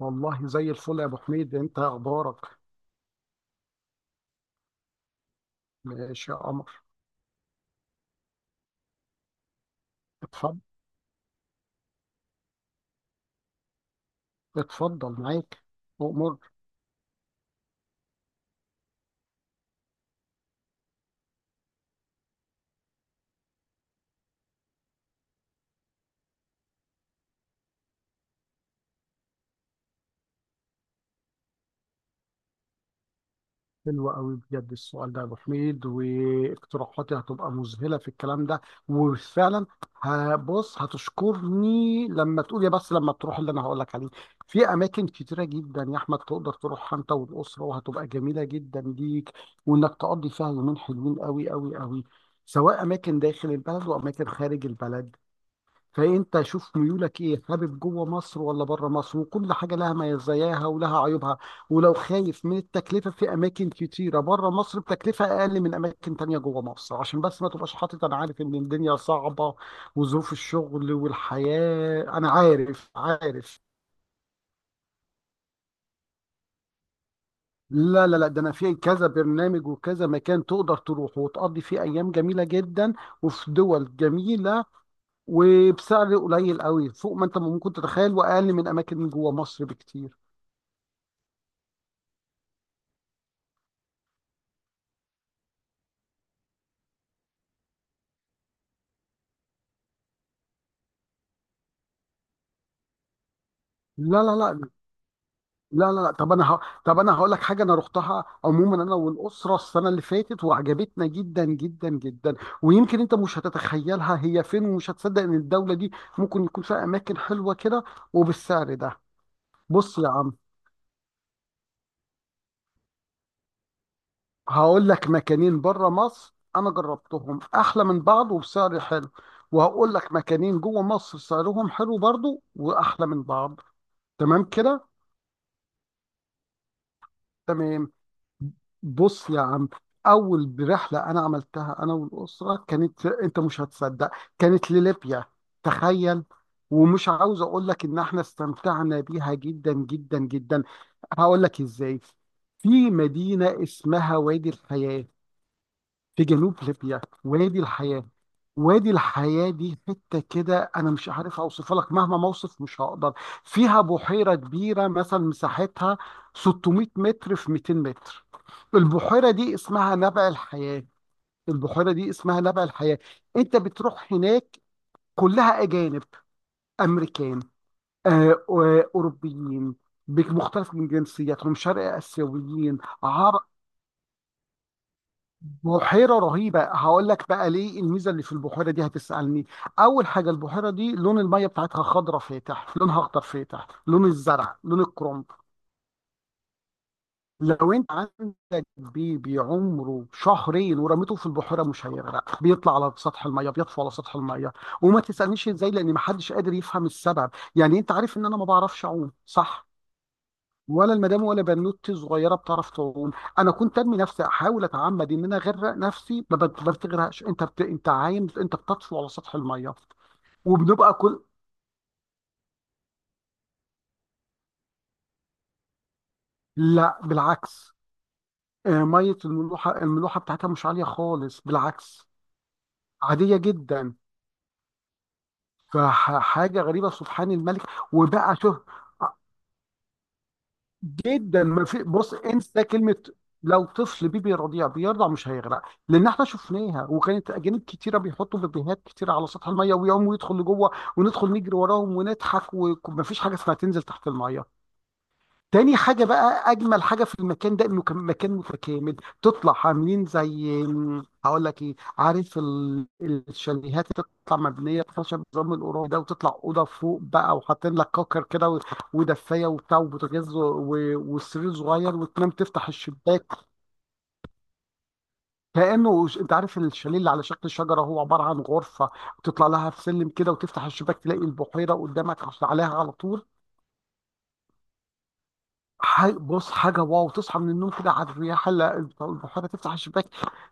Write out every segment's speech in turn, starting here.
والله زي الفل يا ابو حميد، انت اخبارك؟ ماشي يا قمر. اتفضل، اتفضل معاك امور. حلوة قوي بجد السؤال ده يا ابو حميد، واقتراحاتي هتبقى مذهلة في الكلام ده. وفعلا هبص هتشكرني لما تقول، يا بس لما تروح اللي انا هقول لك عليه. في اماكن كتيرة جدا يا احمد تقدر تروحها انت والاسرة، وهتبقى جميلة جدا ليك، وانك تقضي فيها يومين حلوين قوي قوي قوي، سواء اماكن داخل البلد واماكن خارج البلد. فانت شوف ميولك ايه، حابب جوه مصر ولا بره مصر، وكل حاجه لها مزاياها ولها عيوبها. ولو خايف من التكلفه، في اماكن كتيره بره مصر بتكلفه اقل من اماكن تانية جوه مصر، عشان بس ما تبقاش حاطط، انا عارف ان الدنيا صعبه وظروف الشغل والحياه، انا عارف عارف. لا لا لا، ده انا في كذا برنامج وكذا مكان تقدر تروح وتقضي فيه ايام جميله جدا وفي دول جميله، وبسعر قليل قوي فوق ما انت ممكن تتخيل واقل من اماكن جوه مصر بكتير. لا لا لا لا لا لا. طب انا هقول لك حاجه، انا رحتها عموما انا والاسره السنه اللي فاتت وعجبتنا جدا جدا جدا. ويمكن انت مش هتتخيلها هي فين ومش هتصدق ان الدوله دي ممكن يكون فيها اماكن حلوه كده وبالسعر ده. بص يا عم، هقول لك مكانين بره مصر انا جربتهم احلى من بعض وبسعر حلو، وهقول لك مكانين جوه مصر سعرهم حلو برضو واحلى من بعض. تمام كده. تمام. بص يا عم، اول رحله انا عملتها انا والاسره كانت، انت مش هتصدق، كانت لليبيا. تخيل. ومش عاوز اقول لك ان احنا استمتعنا بيها جدا جدا جدا. هقول لك ازاي. في مدينه اسمها وادي الحياه في جنوب ليبيا، وادي الحياة. وادي الحياة دي حتة كده، أنا مش عارف أوصفها لك مهما ما أوصف مش هقدر. فيها بحيرة كبيرة مثلا، مساحتها 600 متر في 200 متر. البحيرة دي اسمها نبع الحياة. البحيرة دي اسمها نبع الحياة. أنت بتروح هناك، كلها أجانب، أمريكان، أوروبيين، بمختلف من جنسياتهم، شرق آسيويين، عرب. بحيرة رهيبة، هقول لك بقى ليه الميزة اللي في البحيرة دي هتسألني. أول حاجة البحيرة دي لون المية بتاعتها خضرة فاتح، لونها أخضر فاتح، لون الزرع، لون الكرنب. لو أنت عندك بيبي عمره شهرين ورميته في البحيرة مش هيغرق، بيطلع على سطح المية، بيطفو على سطح المية. وما تسألنيش إزاي لأن محدش قادر يفهم السبب. يعني أنت عارف إن أنا ما بعرفش أعوم صح، ولا المدام، ولا بنوتي صغيره بتعرف تعوم. انا كنت ارمي نفسي احاول اتعمد ان انا اغرق نفسي، ما بتغرقش. انت عايم، انت بتطفو على سطح الميه. وبنبقى كل. لا بالعكس. ميه، الملوحه بتاعتها مش عاليه خالص، بالعكس، عاديه جدا. فحاجه غريبه، سبحان الملك. وبقى جدا ما في، بص انسى كلمه. لو طفل بيبي رضيع بيرضع مش هيغرق، لان احنا شفناها وكانت اجانب كتيره بيحطوا بيبيهات كتيره على سطح الميه ويقوموا يدخل لجوه، وندخل نجري وراهم ونضحك. ومفيش حاجه اسمها تنزل تحت الميه. تاني حاجة بقى، أجمل حاجة في المكان ده إنه كان مكان متكامل. تطلع عاملين زي، هقول لك إيه، عارف الشاليهات اللي تطلع مبنية خشب نظام القرى ده، وتطلع أوضة فوق بقى وحاطين لك كوكر كده ودفاية وبتاع وبوتاجاز وسرير صغير، وتنام تفتح الشباك. أنت عارف الشاليه اللي على شكل شجرة هو عبارة عن غرفة، تطلع لها في سلم كده وتفتح الشباك تلاقي البحيرة قدامك عليها على طول. بص حاجة واو، تصحى من النوم كده على الرياح البحيرة، تفتح الشباك،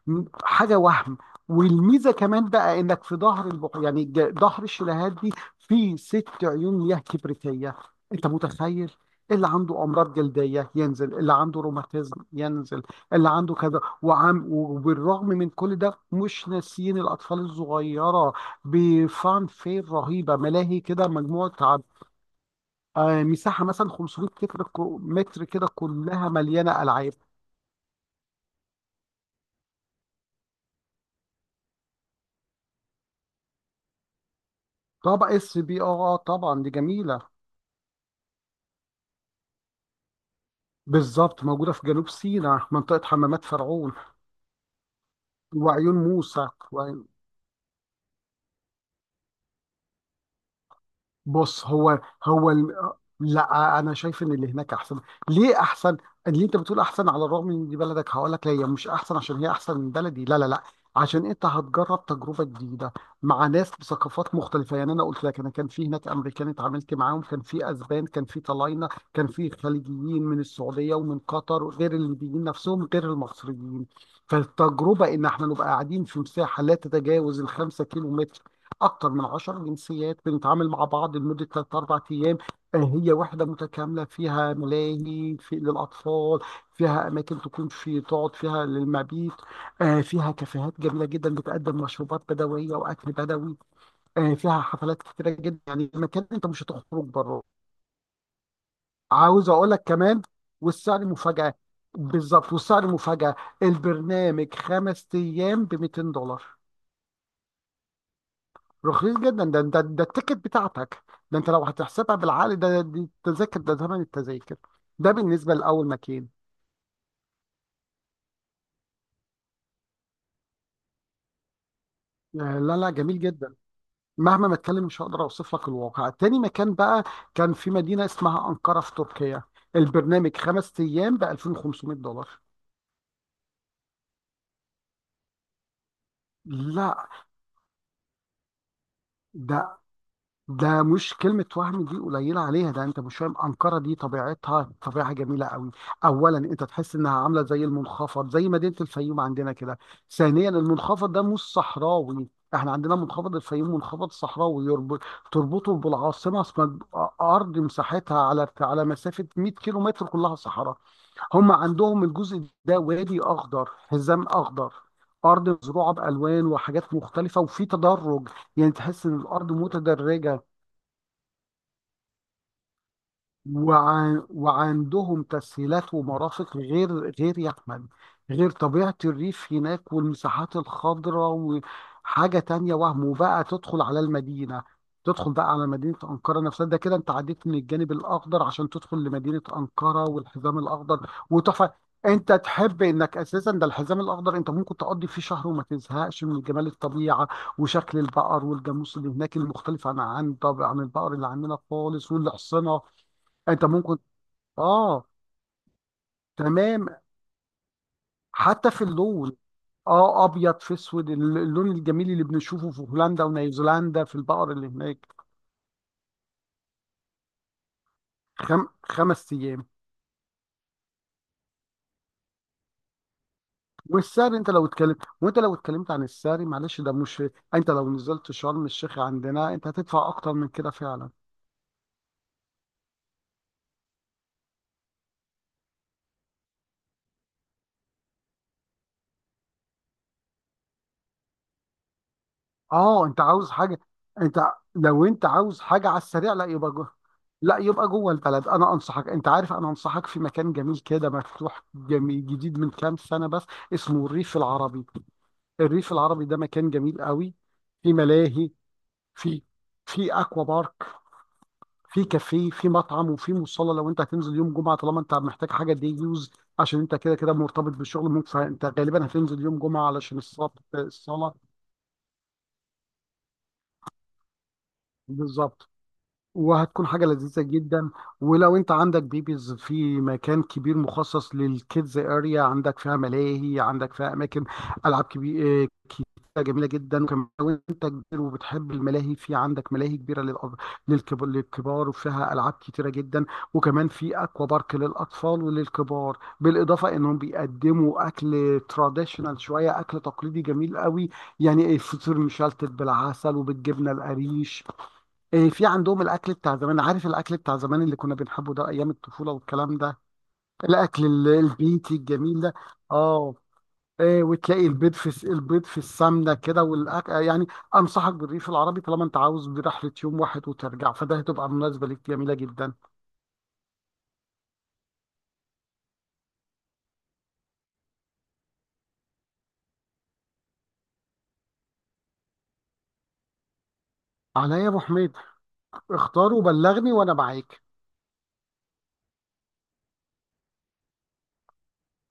حاجة وهم. والميزة كمان بقى انك في ظهر البحيرة، يعني ظهر الشلالات دي، في ست عيون مياه كبريتية. انت متخيل. اللي عنده امراض جلدية ينزل، اللي عنده روماتيزم ينزل، اللي عنده كذا وعم، وبالرغم من كل ده مش ناسيين الاطفال الصغيرة، بفان فير رهيبة، ملاهي كده، مجموعة. مساحه مثلا 500 متر كده، كلها مليانه العاب. طبعا اس بي اه، طبعا دي جميله. بالظبط، موجوده في جنوب سيناء منطقه حمامات فرعون وعيون موسى. بص هو، هو ال... آه، لا، انا شايف ان اللي هناك احسن. ليه احسن؟ اللي انت بتقول احسن على الرغم ان دي بلدك، هقول لك لا، هي مش احسن عشان هي احسن من بلدي، لا لا لا. عشان انت هتجرب تجربه جديده مع ناس بثقافات مختلفه، يعني انا قلت لك، انا كان في هناك امريكان اتعاملت معاهم، كان في اسبان، كان في طلاينه، كان في خليجيين من السعوديه ومن قطر، غير الليبيين نفسهم غير المصريين. فالتجربه ان احنا نبقى قاعدين في مساحه لا تتجاوز الخمسة كيلو، أكتر من 10 جنسيات بنتعامل مع بعض لمدة ثلاث أربع أيام. آه، هي وحدة متكاملة، فيها ملاهي في للأطفال، فيها أماكن تكون في تقعد فيها للمبيت. فيها كافيهات جميلة جدا بتقدم مشروبات بدوية وأكل بدوي. فيها حفلات كتيرة جدا، يعني مكان أنت مش هتخرج بره. عاوز أقول لك كمان، والسعر مفاجأة. بالظبط، والسعر مفاجأة. البرنامج 5 أيام ب 200 دولار. رخيص جدا، ده التيكت بتاعتك. ده انت لو هتحسبها بالعقل، ده دي التذاكر، ده ثمن التذاكر. ده بالنسبه لاول مكان. لا لا جميل جدا. مهما ما اتكلم مش هقدر اوصف لك الواقع. تاني مكان بقى، كان في مدينه اسمها انقره في تركيا، البرنامج 5 ايام ب 2500 دولار. لا ده ده مش كلمة وهم دي قليلة عليها، ده انت مش فاهم. أنقرة دي طبيعتها طبيعة جميلة قوي. أولا انت تحس انها عاملة زي المنخفض زي مدينة الفيوم عندنا كده. ثانيا المنخفض ده مش صحراوي، احنا عندنا منخفض الفيوم منخفض صحراوي، تربطه بالعاصمة اسمها، أرض مساحتها على مسافة 100 كيلو متر كلها صحراء. هم عندهم الجزء ده وادي أخضر حزام أخضر، أرض مزروعة بألوان وحاجات مختلفة وفي تدرج، يعني تحس إن الأرض متدرجة. وعندهم تسهيلات ومرافق، غير غير يحمل غير طبيعة الريف هناك والمساحات الخضراء. وحاجة تانية وهم، وبقى تدخل على المدينة. تدخل بقى على مدينة أنقرة نفسها، ده كده أنت عديت من الجانب الأخضر عشان تدخل لمدينة أنقرة، والحزام الأخضر وتحفة. أنت تحب إنك أساسا ده الحزام الأخضر، أنت ممكن تقضي فيه شهر وما تزهقش من جمال الطبيعة وشكل البقر والجاموس اللي هناك المختلف عن طبعا عن البقر اللي عندنا خالص والحصنة. انت ممكن، اه، تمام، حتى في اللون. اه ابيض في اسود، اللون الجميل اللي بنشوفه في هولندا ونيوزيلندا في البقر اللي هناك. خم... خمس ايام. والسعر، انت لو اتكلمت وانت لو اتكلمت عن السعر، معلش ده مش. انت لو نزلت شرم الشيخ عندنا انت هتدفع اكتر من كده فعلا. اه، انت عاوز حاجه، انت لو انت عاوز حاجه على السريع، لا يبقى جوه. لا يبقى جوه البلد، انا انصحك، انت عارف انا انصحك في مكان جميل كده مفتوح جميل جديد من كام سنه بس، اسمه الريف العربي. الريف العربي ده مكان جميل قوي، في ملاهي، في في اكوا بارك، في كافيه، في مطعم، وفي مصلى. لو انت هتنزل يوم جمعه طالما انت محتاج حاجه دي يوز، عشان انت كده كده مرتبط بالشغل ممكن، فانت غالبا هتنزل يوم جمعه علشان الصلاه الصلاه. بالظبط، وهتكون حاجة لذيذة جدا. ولو انت عندك بيبيز في مكان كبير مخصص للكيدز اريا، عندك فيها ملاهي، عندك فيها اماكن، العاب كبيرة جميلة جدا. وكمان لو انت كبير وبتحب الملاهي، في عندك ملاهي كبيرة للكبار، وفيها العاب كتيرة جدا. وكمان في اكوا بارك للاطفال وللكبار، بالاضافة انهم بيقدموا اكل تراديشنال شوية، اكل تقليدي جميل قوي. يعني الفطير مشلتت بالعسل وبالجبنة القريش. إيه، في عندهم الاكل بتاع زمان، عارف الاكل بتاع زمان اللي كنا بنحبه ده، ايام الطفوله والكلام ده. الاكل البيتي الجميل ده. اه. إيه، وتلاقي البيض في السمنه كده، والأك... آه، يعني. انصحك بالريف العربي طالما انت عاوز برحله يوم واحد وترجع، فده هتبقى مناسبه ليك جميله جدا. عليا يا ابو حميد، اختار وبلغني وانا معاك.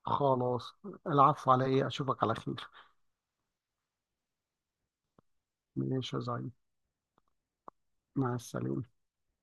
خلاص، العفو على ايه، اشوفك على خير. ماشي يا زعيم، مع السلامه.